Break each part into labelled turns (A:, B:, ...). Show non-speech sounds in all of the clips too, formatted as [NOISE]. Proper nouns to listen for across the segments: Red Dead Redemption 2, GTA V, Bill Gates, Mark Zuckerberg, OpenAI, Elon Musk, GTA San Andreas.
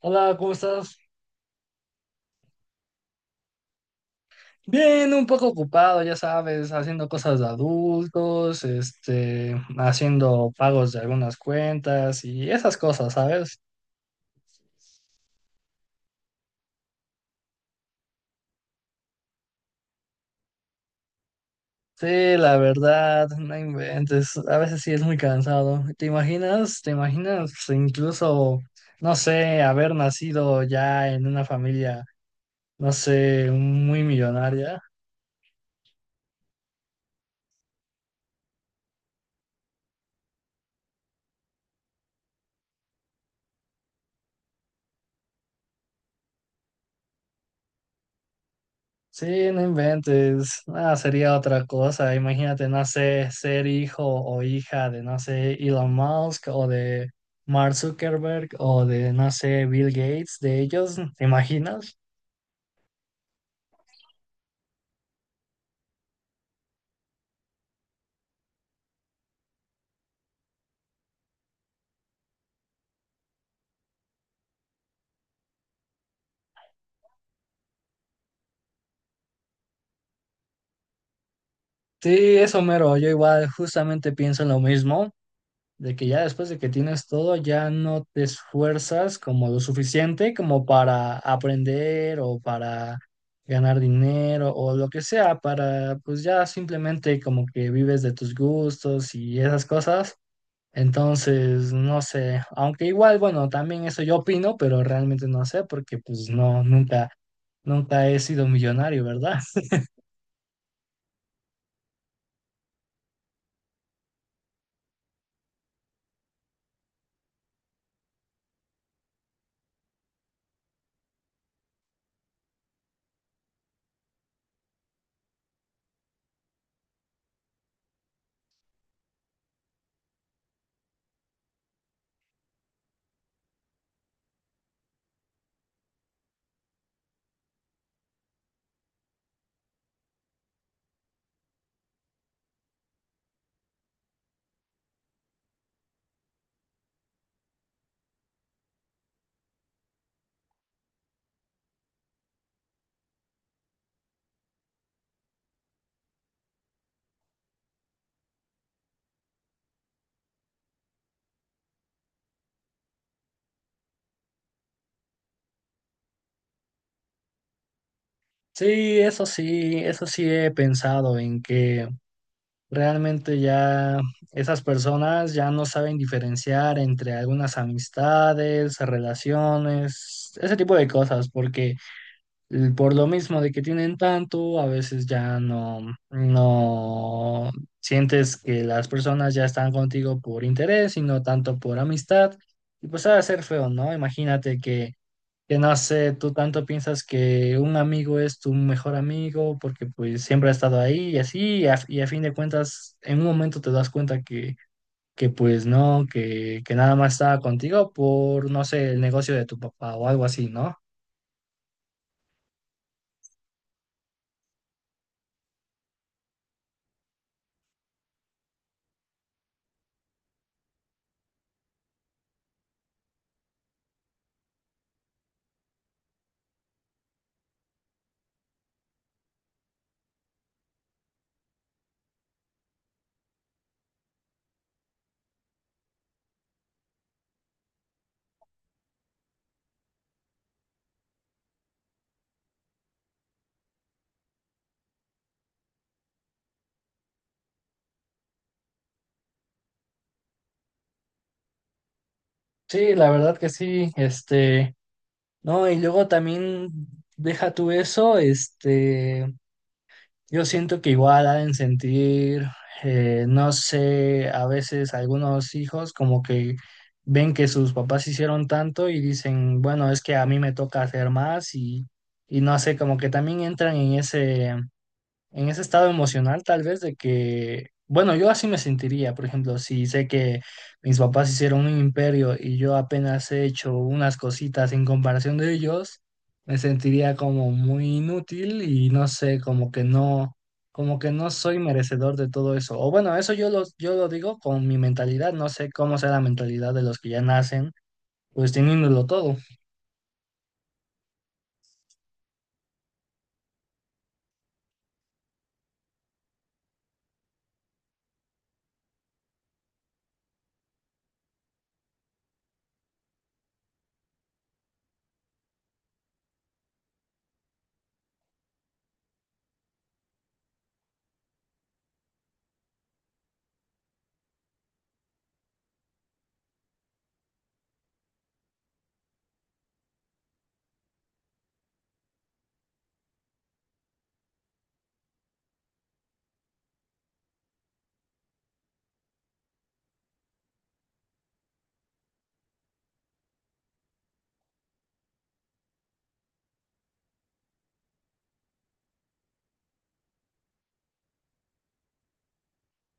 A: Hola, ¿cómo estás? Bien, un poco ocupado, ya sabes, haciendo cosas de adultos, haciendo pagos de algunas cuentas y esas cosas, ¿sabes? Sí, la verdad, no inventes, a veces sí es muy cansado. ¿Te imaginas? ¿Te imaginas incluso, no sé, haber nacido ya en una familia, no sé, muy millonaria? Sí, no inventes. Ah, sería otra cosa. Imagínate, no sé, ser hijo o hija de, no sé, Elon Musk o de Mark Zuckerberg o de, no sé, Bill Gates, de ellos, ¿te imaginas? Sí, eso mero. Yo igual justamente pienso en lo mismo. De que ya después de que tienes todo, ya no te esfuerzas como lo suficiente como para aprender o para ganar dinero o lo que sea, para pues ya simplemente como que vives de tus gustos y esas cosas. Entonces, no sé, aunque igual, bueno, también eso yo opino, pero realmente no sé porque pues no, nunca he sido millonario, ¿verdad? [LAUGHS] Sí, eso sí, eso sí he pensado en que realmente ya esas personas ya no saben diferenciar entre algunas amistades, relaciones, ese tipo de cosas, porque por lo mismo de que tienen tanto, a veces ya no sientes que las personas ya están contigo por interés y no tanto por amistad. Y pues ha de ser feo, ¿no? Imagínate que no sé, tú tanto piensas que un amigo es tu mejor amigo porque pues siempre ha estado ahí y así, y a fin de cuentas, en un momento te das cuenta que pues no, que nada más estaba contigo por, no sé, el negocio de tu papá o algo así, ¿no? Sí, la verdad que sí, no, y luego también deja tú eso, Yo siento que igual ha de sentir, no sé, a veces algunos hijos como que ven que sus papás hicieron tanto y dicen, bueno, es que a mí me toca hacer más y no sé, como que también entran en ese estado emocional tal vez de que, bueno, yo así me sentiría, por ejemplo, si sé que mis papás hicieron un imperio y yo apenas he hecho unas cositas en comparación de ellos, me sentiría como muy inútil y no sé, como que no soy merecedor de todo eso. O bueno, eso yo lo digo con mi mentalidad, no sé cómo sea la mentalidad de los que ya nacen, pues teniéndolo todo.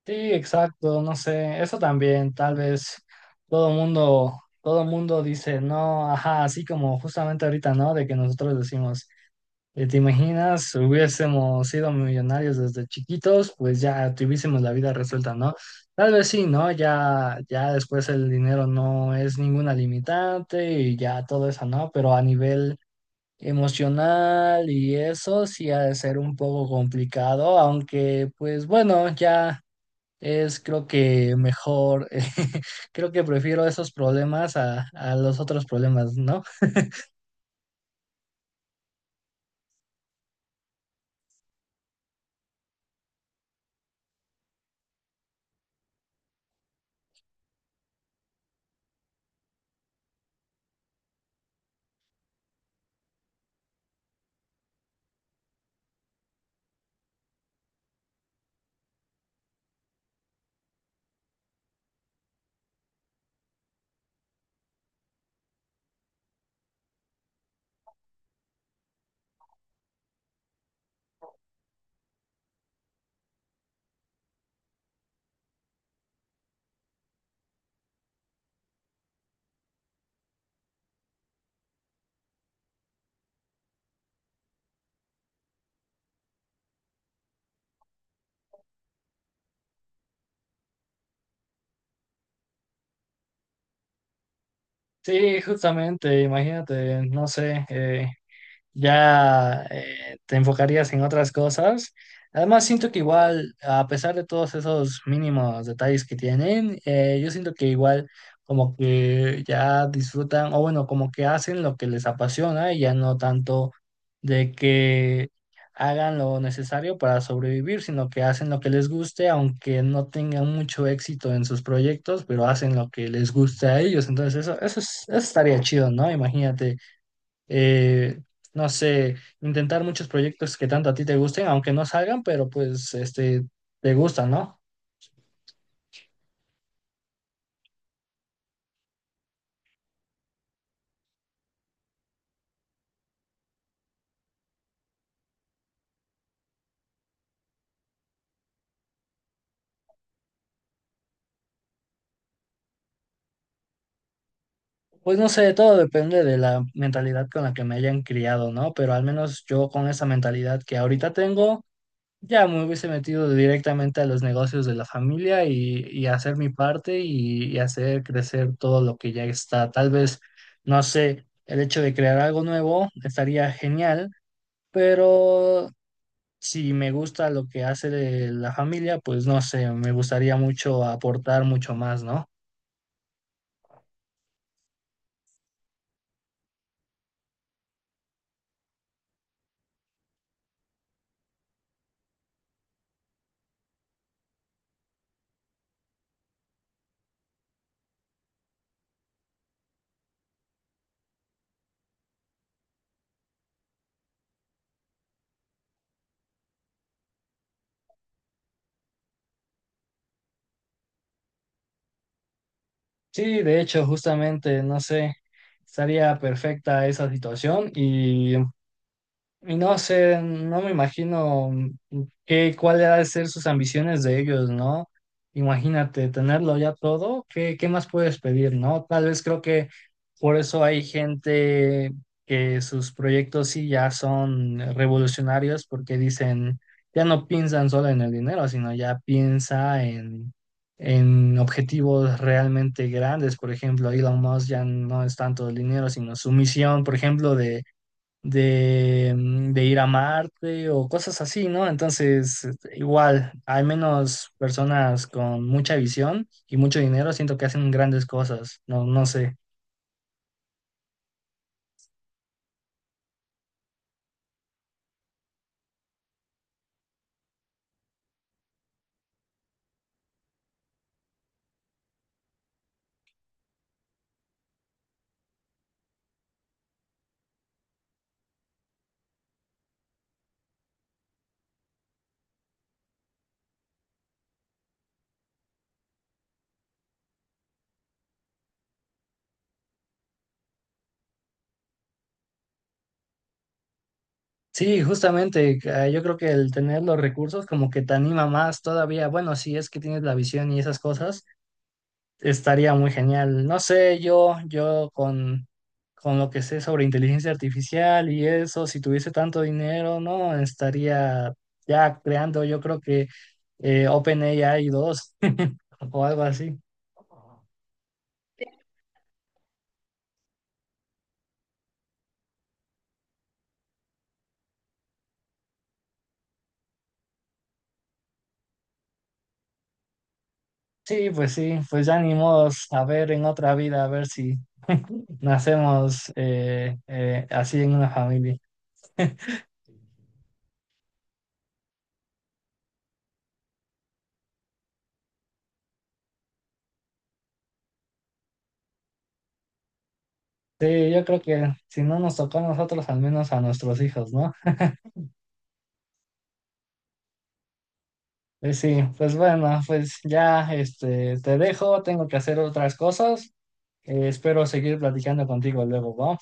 A: Sí, exacto, no sé, eso también, tal vez todo mundo, todo mundo dice, no, ajá, así como justamente ahorita, ¿no? De que nosotros decimos, ¿te imaginas? Hubiésemos sido millonarios desde chiquitos, pues ya tuviésemos la vida resuelta, ¿no? Tal vez sí, ¿no? Ya, ya después el dinero no es ninguna limitante y ya todo eso, ¿no? Pero a nivel emocional y eso sí ha de ser un poco complicado, aunque pues bueno, ya. Es creo que mejor, [LAUGHS] creo que prefiero esos problemas a los otros problemas, ¿no? Sí, justamente, imagínate, no sé, ya te enfocarías en otras cosas. Además, siento que igual, a pesar de todos esos mínimos detalles que tienen, yo siento que igual como que ya disfrutan, o bueno, como que hacen lo que les apasiona y ya no tanto de que hagan lo necesario para sobrevivir, sino que hacen lo que les guste, aunque no tengan mucho éxito en sus proyectos, pero hacen lo que les guste a ellos. Entonces, eso, eso estaría chido, ¿no? Imagínate eh, no sé, intentar muchos proyectos que tanto a ti te gusten, aunque no salgan, pero pues te gustan, ¿no? Pues no sé, todo depende de la mentalidad con la que me hayan criado, ¿no? Pero al menos yo con esa mentalidad que ahorita tengo, ya me hubiese metido directamente a los negocios de la familia y hacer mi parte y hacer crecer todo lo que ya está. Tal vez, no sé, el hecho de crear algo nuevo estaría genial, pero si me gusta lo que hace de la familia, pues no sé, me gustaría mucho aportar mucho más, ¿no? Sí, de hecho, justamente, no sé, estaría perfecta esa situación y no sé, no me imagino cuál ha de ser sus ambiciones de ellos, ¿no? Imagínate, tenerlo ya todo, ¿qué, qué más puedes pedir, ¿no? Tal vez creo que por eso hay gente que sus proyectos sí ya son revolucionarios porque dicen, ya no piensan solo en el dinero, sino ya piensa en objetivos realmente grandes. Por ejemplo, Elon Musk ya no es tanto el dinero, sino su misión, por ejemplo, de de ir a Marte o cosas así, ¿no? Entonces, igual, hay menos personas con mucha visión y mucho dinero, siento que hacen grandes cosas, no, no sé. Sí, justamente, yo creo que el tener los recursos como que te anima más todavía, bueno, si es que tienes la visión y esas cosas estaría muy genial. No sé, yo con lo que sé sobre inteligencia artificial y eso, si tuviese tanto dinero, no, estaría ya creando, yo creo que OpenAI 2 [LAUGHS] o algo así. Sí, pues ya ni modos, a ver en otra vida, a ver si nacemos así en una familia. Sí, yo creo que si no nos tocó a nosotros, al menos a nuestros hijos, ¿no? Pues sí, pues bueno, pues ya te dejo, tengo que hacer otras cosas. Espero seguir platicando contigo luego, ¿va?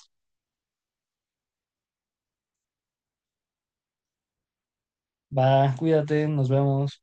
A: Va, cuídate, nos vemos.